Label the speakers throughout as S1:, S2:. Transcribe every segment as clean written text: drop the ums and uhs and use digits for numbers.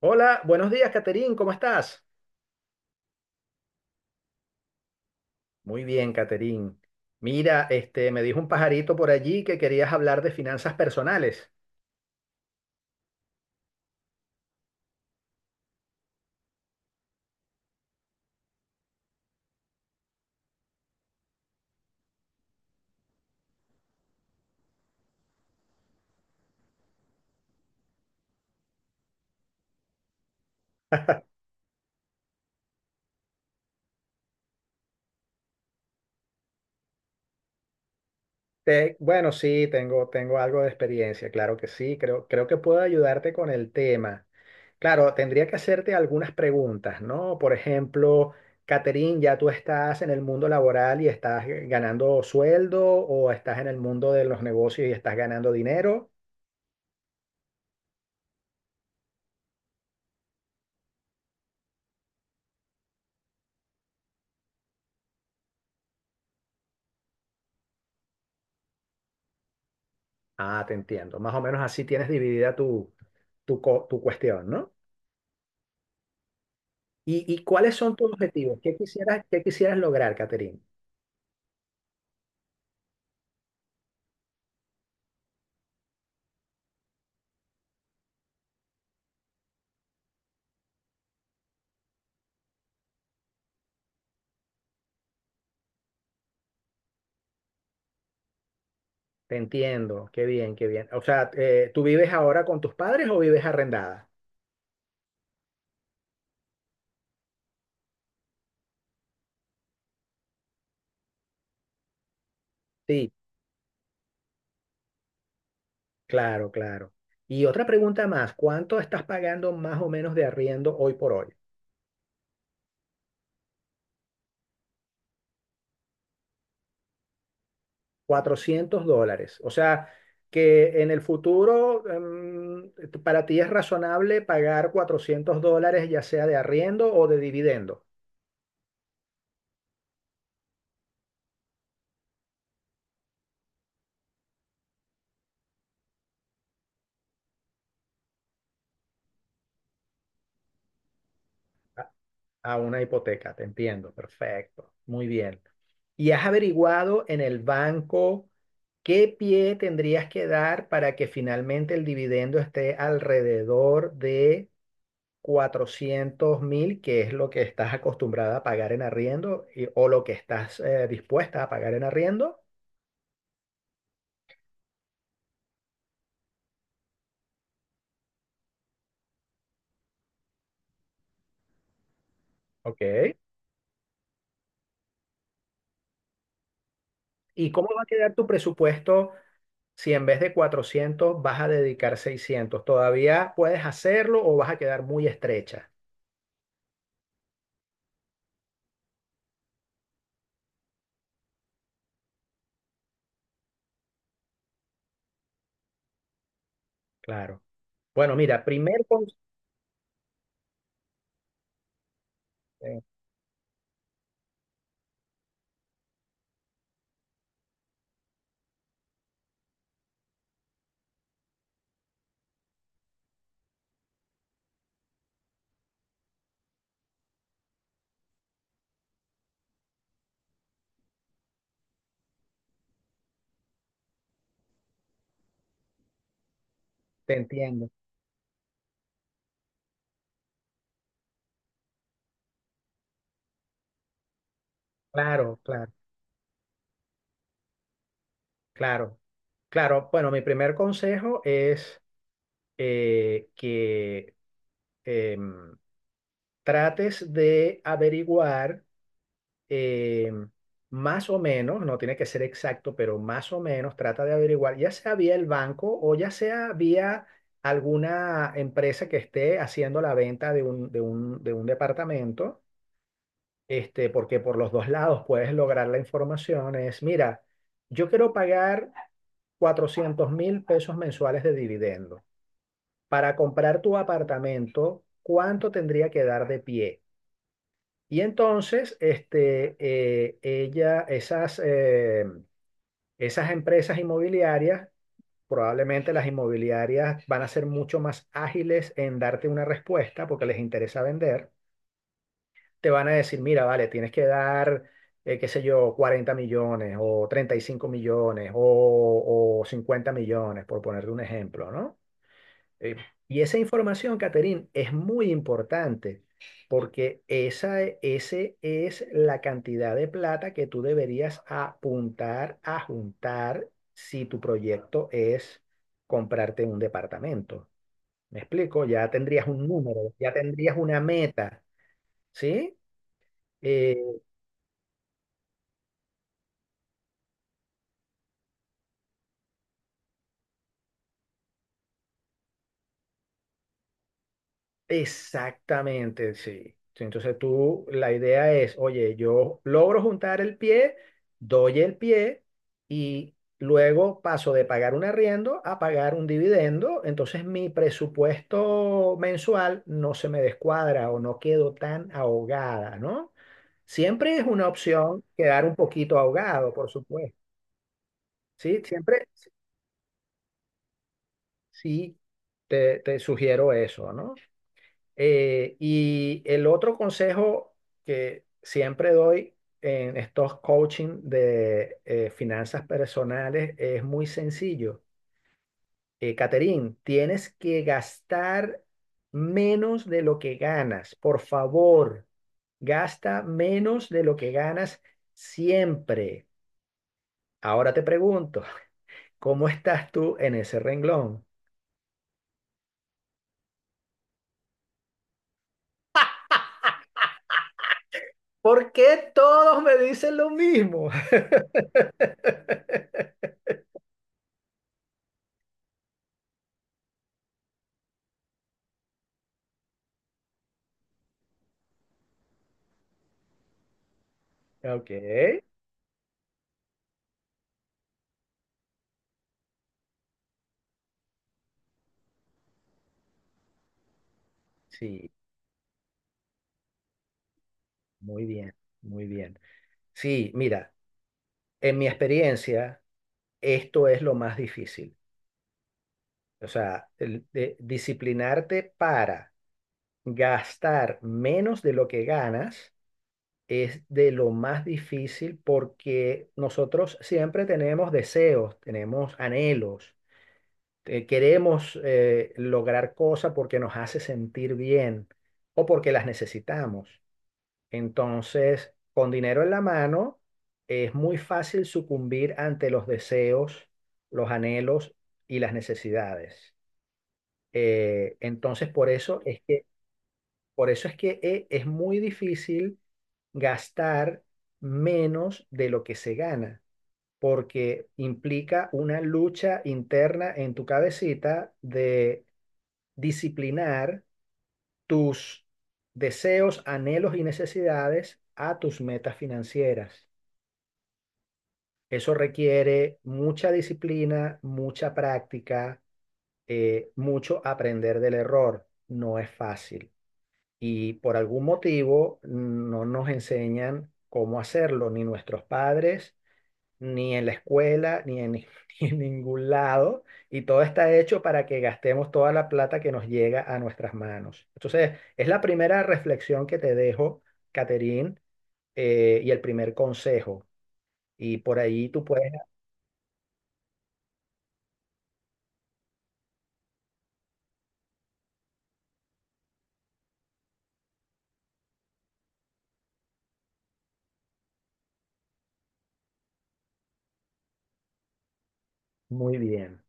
S1: Hola, buenos días, Caterín, ¿cómo estás? Muy bien, Caterín. Mira, este, me dijo un pajarito por allí que querías hablar de finanzas personales. Bueno, sí, tengo algo de experiencia, claro que sí, creo que puedo ayudarte con el tema. Claro, tendría que hacerte algunas preguntas, ¿no? Por ejemplo, Caterín, ¿ya tú estás en el mundo laboral y estás ganando sueldo o estás en el mundo de los negocios y estás ganando dinero? Ah, te entiendo. Más o menos así tienes dividida tu, tu cuestión, ¿no? ¿Y cuáles son tus objetivos? Qué quisieras lograr, Catherine? Te entiendo, qué bien, qué bien. O sea, ¿tú vives ahora con tus padres o vives arrendada? Sí, claro, claro. Y otra pregunta más, ¿cuánto estás pagando más o menos de arriendo hoy por hoy? 400 dólares. O sea, que en el futuro para ti es razonable pagar $400 ya sea de arriendo o de dividendo. A una hipoteca, te entiendo, perfecto, muy bien. ¿Y has averiguado en el banco qué pie tendrías que dar para que finalmente el dividendo esté alrededor de 400.000, que es lo que estás acostumbrada a pagar en arriendo o lo que estás dispuesta a pagar en arriendo? Ok. ¿Y cómo va a quedar tu presupuesto si en vez de 400 vas a dedicar 600? ¿Todavía puedes hacerlo o vas a quedar muy estrecha? Claro. Bueno, mira, primer consejo, te entiendo. Claro, claro, claro. Claro, bueno, mi primer consejo es que em, trates de averiguar, em, más o menos, no tiene que ser exacto, pero más o menos trata de averiguar, ya sea vía el banco o ya sea vía alguna empresa que esté haciendo la venta de un, departamento, este, porque por los dos lados puedes lograr la información. Es, mira, yo quiero pagar 400.000 pesos mensuales de dividendo. Para comprar tu apartamento, ¿cuánto tendría que dar de pie? Y entonces, este, esas empresas inmobiliarias, probablemente las inmobiliarias van a ser mucho más ágiles en darte una respuesta porque les interesa vender. Te van a decir, mira, vale, tienes que dar, qué sé yo, 40 millones o 35 millones o 50 millones, por ponerte un ejemplo, ¿no? Eh, y esa información, Caterín, es muy importante porque ese es la cantidad de plata que tú deberías apuntar a juntar si tu proyecto es comprarte un departamento. ¿Me explico? Ya tendrías un número, ya tendrías una meta, ¿sí? Eh, Exactamente, sí. Sí, entonces tú, la idea es, oye, yo logro juntar el pie, doy el pie y luego paso de pagar un arriendo a pagar un dividendo, entonces mi presupuesto mensual no se me descuadra o no quedo tan ahogada, ¿no? Siempre es una opción quedar un poquito ahogado, por supuesto. Sí, siempre sí te sugiero eso, ¿no? Y el otro consejo que siempre doy en estos coaching de finanzas personales es muy sencillo. Caterín, tienes que gastar menos de lo que ganas. Por favor, gasta menos de lo que ganas siempre. Ahora te pregunto, ¿cómo estás tú en ese renglón? ¿Por qué todos me dicen lo mismo? Ok. Sí, muy bien, muy bien. Sí, mira, en mi experiencia, esto es lo más difícil. O sea, disciplinarte para gastar menos de lo que ganas es de lo más difícil porque nosotros siempre tenemos deseos, tenemos anhelos, queremos lograr cosas porque nos hace sentir bien o porque las necesitamos. Entonces, con dinero en la mano, es muy fácil sucumbir ante los deseos, los anhelos y las necesidades. Entonces, por eso es que es muy difícil gastar menos de lo que se gana, porque implica una lucha interna en tu cabecita de disciplinar tus deseos, anhelos y necesidades a tus metas financieras. Eso requiere mucha disciplina, mucha práctica, mucho aprender del error. No es fácil. Y por algún motivo no nos enseñan cómo hacerlo, ni nuestros padres, ni en la escuela, ni en, ni en ningún lado. Y todo está hecho para que gastemos toda la plata que nos llega a nuestras manos. Entonces, es la primera reflexión que te dejo, Caterín, y el primer consejo. Y por ahí tú puedes... Muy bien.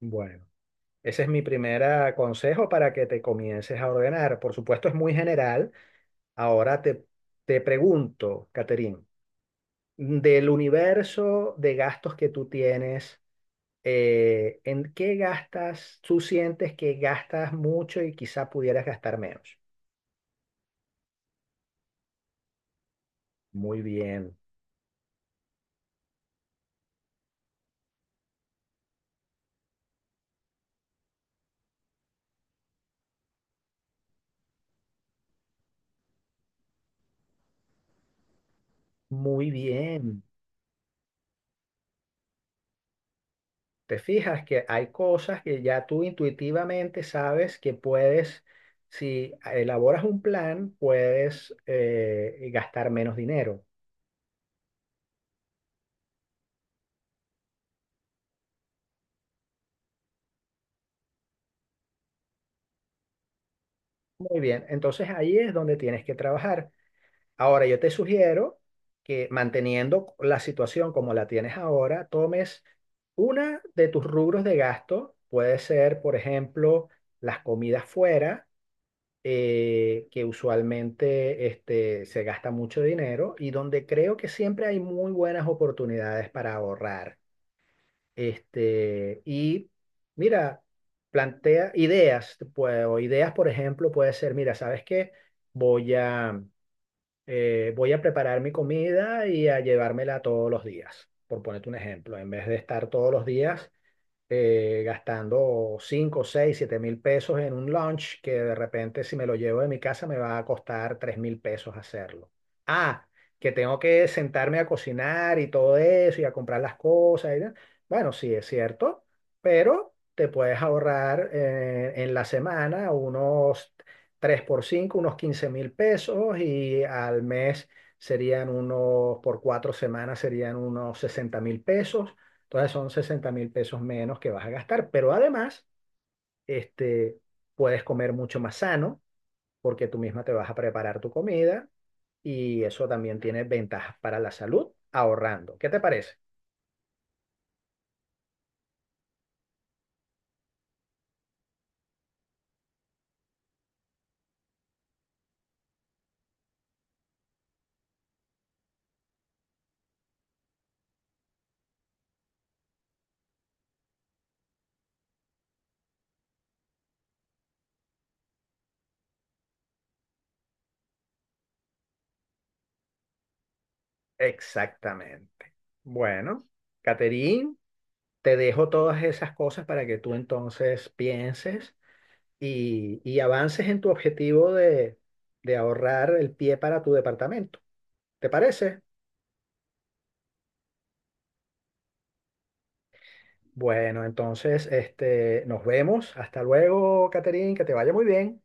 S1: Bueno, ese es mi primer consejo para que te comiences a ordenar. Por supuesto, es muy general. Ahora te pregunto, Caterín, del universo de gastos que tú tienes, ¿en qué gastas? ¿Tú sientes que gastas mucho y quizá pudieras gastar menos? Muy bien, muy bien. Te fijas que hay cosas que ya tú intuitivamente sabes que puedes, si elaboras un plan, puedes gastar menos dinero. Muy bien, entonces ahí es donde tienes que trabajar. Ahora yo te sugiero que manteniendo la situación como la tienes ahora, tomes una de tus rubros de gasto. Puede ser, por ejemplo, las comidas fuera que usualmente, este, se gasta mucho dinero y donde creo que siempre hay muy buenas oportunidades para ahorrar. Este, y mira, plantea ideas, pues, o ideas, por ejemplo, puede ser, mira, ¿sabes qué? Voy a, Voy a preparar mi comida y a llevármela todos los días, por ponerte un ejemplo, en vez de estar todos los días gastando 5, 6, 7 mil pesos en un lunch que de repente si me lo llevo de mi casa me va a costar 3.000 pesos hacerlo. Ah, que tengo que sentarme a cocinar y todo eso y a comprar las cosas, y tal. Bueno, sí es cierto, pero te puedes ahorrar en la semana unos 3 por 5, unos 15.000 pesos y al mes serían unos, por 4 semanas serían unos 60.000 pesos. Entonces son 60.000 pesos menos que vas a gastar, pero además, este, puedes comer mucho más sano porque tú misma te vas a preparar tu comida y eso también tiene ventajas para la salud ahorrando. ¿Qué te parece? Exactamente. Bueno, Caterín, te dejo todas esas cosas para que tú entonces pienses y avances en tu objetivo de ahorrar el pie para tu departamento. ¿Te parece? Bueno, entonces, nos vemos. Hasta luego, Caterín, que te vaya muy bien.